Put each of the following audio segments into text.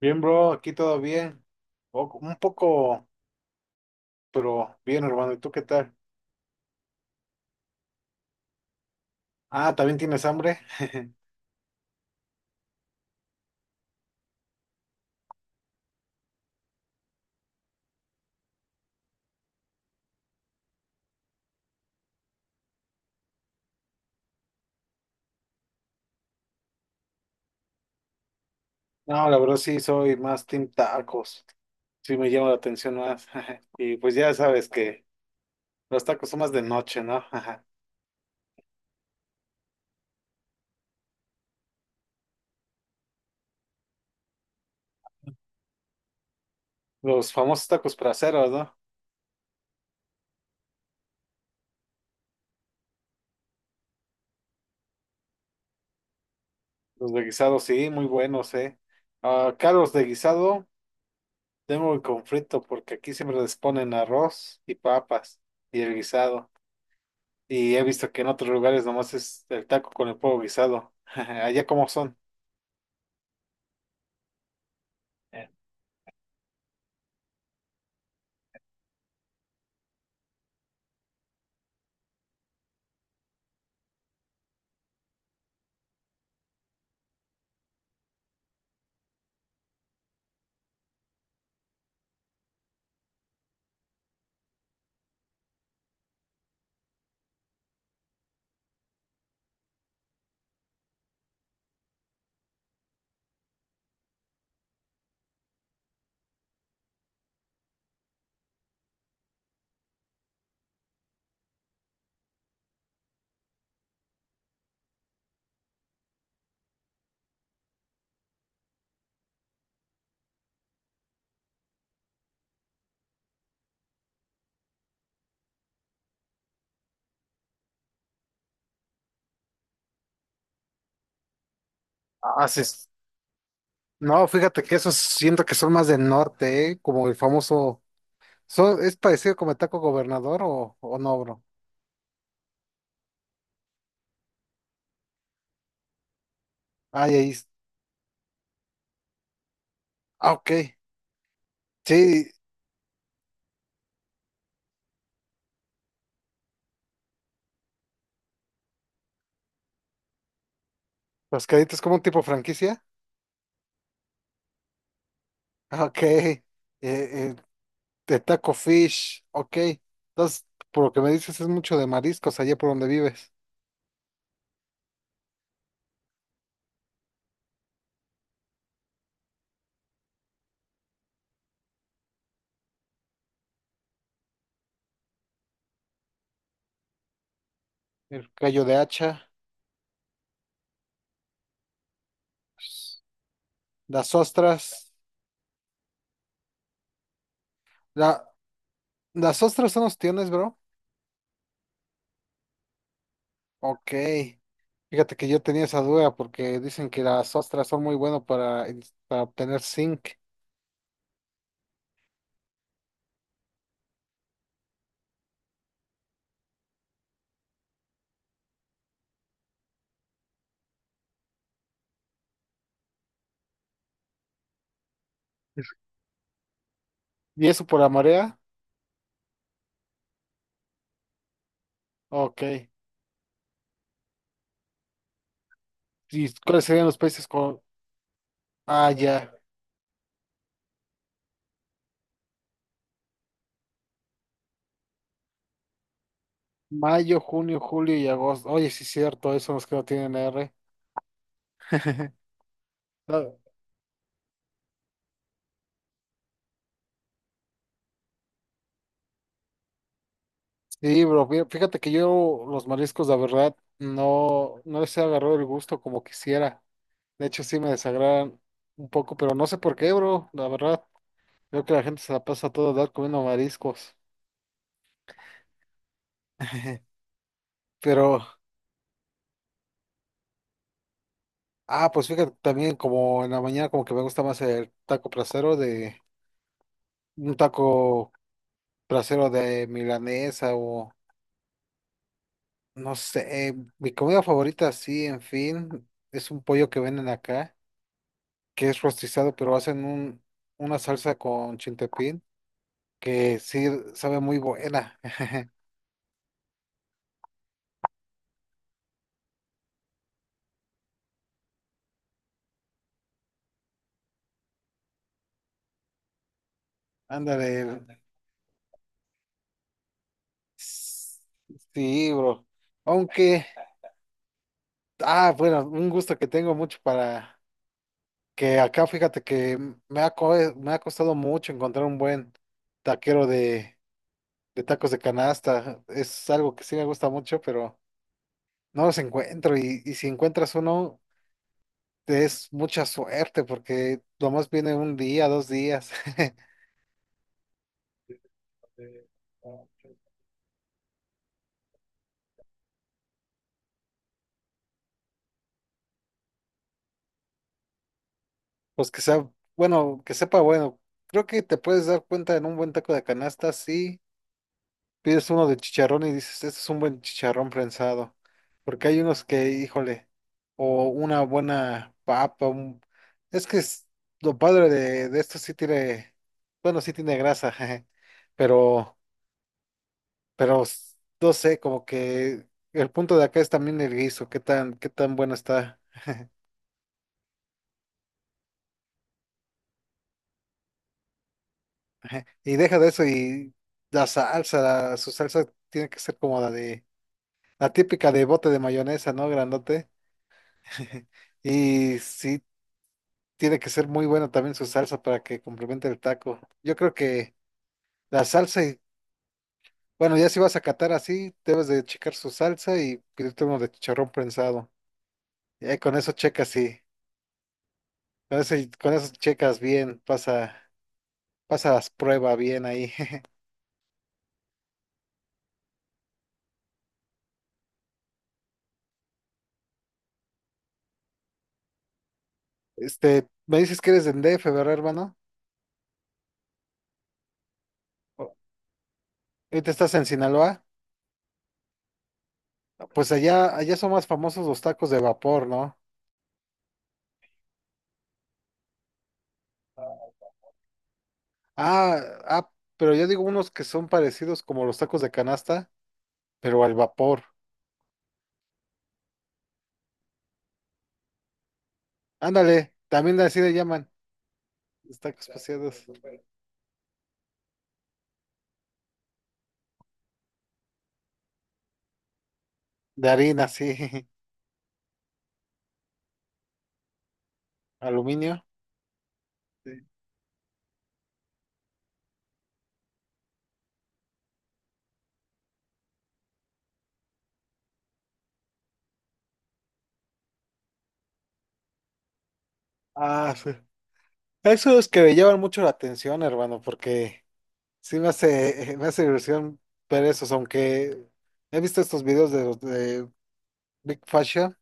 Bien, bro, aquí todo bien. Un poco, pero bien, hermano. ¿Y tú qué tal? ¿También tienes hambre? No, la verdad sí, soy más team tacos. Sí me llama la atención más. Y pues ya sabes que los tacos son más de noche, ¿no? Los famosos tacos praceros, ¿no? Los de guisado, sí, muy buenos, ¿eh? Acá los de guisado tengo el conflicto porque aquí siempre les ponen arroz y papas y el guisado. Y he visto que en otros lugares nomás es el taco con el pollo guisado. Allá cómo son. Eh, Haces. No, fíjate que esos siento que son más del norte, ¿eh? Como el famoso. ¿Es parecido como el taco gobernador o no, bro? Ay, ahí. es- Ah, ok. Sí, los caditos como un tipo franquicia. Ah, ok. Eh, de taco fish. Ok. Entonces, por lo que me dices, es mucho de mariscos allá por donde vives. El callo de hacha, las ostras. La ¿Las ostras son ostiones, bro? Ok. Fíjate que yo tenía esa duda porque dicen que las ostras son muy buenas para obtener zinc. ¿Y eso por la marea? Ok. ¿Y cuáles serían los países con... Ah, ya. Mayo, junio, julio y agosto. Oye, sí es cierto, esos son los que no tienen R. Ah, sí, bro, fíjate que yo los mariscos, la verdad, no les he agarrado el gusto como quisiera. De hecho, sí me desagradan un poco, pero no sé por qué, bro, la verdad. Creo que la gente se la pasa a toda edad comiendo mariscos. Pero, ah, pues fíjate, también como en la mañana como que me gusta más el taco placero de, un taco placero de milanesa o, no sé, mi comida favorita, sí, en fin, es un pollo que venden acá, que es rostizado, pero hacen un, una salsa con chintepín, que sí sabe muy buena. Ándale, sí, bro. Aunque... Ah, bueno, un gusto que tengo mucho para que acá fíjate que me ha costado mucho encontrar un buen taquero de tacos de canasta. Es algo que sí me gusta mucho, pero no los encuentro. Y si encuentras uno, te es mucha suerte porque lo más viene un día, dos días. Pues que sea, bueno, que sepa, bueno, creo que te puedes dar cuenta en un buen taco de canasta, sí pides uno de chicharrón y dices, este es un buen chicharrón prensado. Porque hay unos que, híjole, o una buena papa, es que es- lo padre de esto sí tiene, bueno, sí tiene grasa, jeje, pero, pero no sé, como que el punto de acá es también el guiso, qué tan bueno está. Jeje. Y deja de eso y la salsa, su salsa tiene que ser como la de, la típica de bote de mayonesa, ¿no? Grandote. Y sí, tiene que ser muy buena también su salsa para que complemente el taco. Yo creo que la salsa y, bueno, ya si vas a catar así, debes de checar su salsa y pedirte uno de chicharrón prensado. Y ahí con eso checas sí. Con eso, con eso checas bien, pasas prueba bien ahí. Este, me dices que eres de DF, ¿verdad, hermano? O- Ahorita estás en Sinaloa. Pues allá son más famosos los tacos de vapor, ¿no? Ah, ah, pero yo digo unos que son parecidos como los tacos de canasta, pero al vapor. Ándale, también así le llaman. Los tacos paseados. De harina, sí. Aluminio. Sí. Ah, sí. Esos que me llaman mucho la atención, hermano, porque sí me hace, me hace ilusión ver esos, aunque he visto estos videos de los de Big Fashion,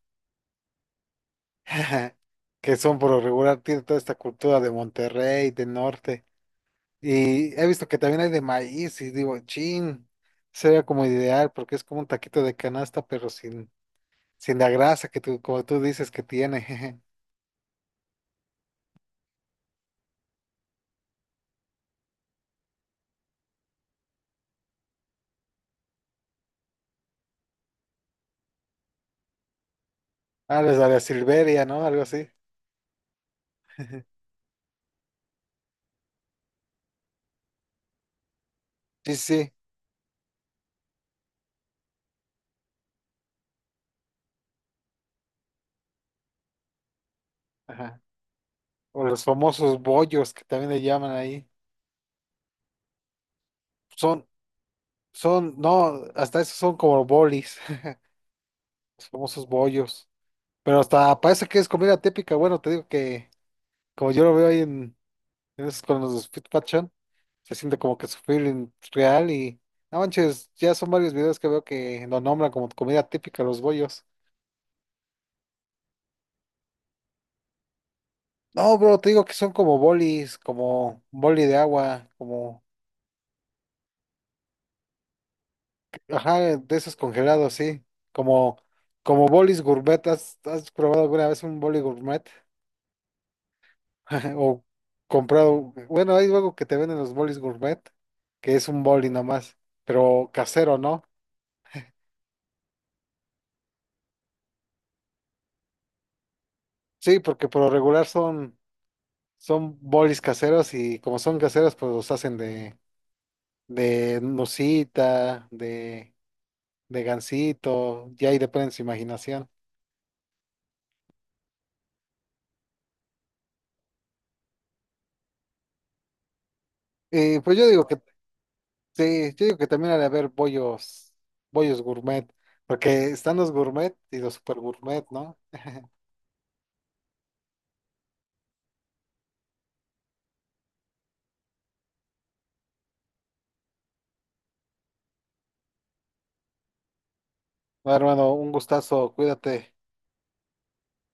que son por lo regular, tiene toda esta cultura de Monterrey, de norte, y he visto que también hay de maíz, y digo, chin, sería como ideal, porque es como un taquito de canasta, pero sin sin la grasa que tú, como tú dices que tiene. Jeje. Ah, los de la Silveria, ¿no? Algo así. Sí, sí. Ajá. O los famosos bollos que también le llaman ahí. Son, no, hasta esos son como bolis. Los famosos bollos. Pero hasta parece que es comida típica. Bueno, te digo que, como yo lo veo ahí en esos con los Fit Fashion, se siente como que su feeling real y. No manches, ya son varios videos que veo que lo nombran como comida típica los bollos. No, bro, te digo que son como bolis, como boli de agua, como, ajá, de esos congelados, sí. Como, como bolis gourmet. ¿Has, has probado alguna vez un boli gourmet? O comprado, bueno, hay algo que te venden los bolis gourmet, que es un boli nomás, pero casero, ¿no? Sí, porque por lo regular son, son bolis caseros y como son caseros, pues los hacen de nucita, de gansito, ya ahí depende de su imaginación. Pues yo digo que sí, yo digo que también ha de haber bollos, bollos gourmet, porque están los gourmet y los super gourmet, ¿no? Bueno, hermano, un gustazo, cuídate.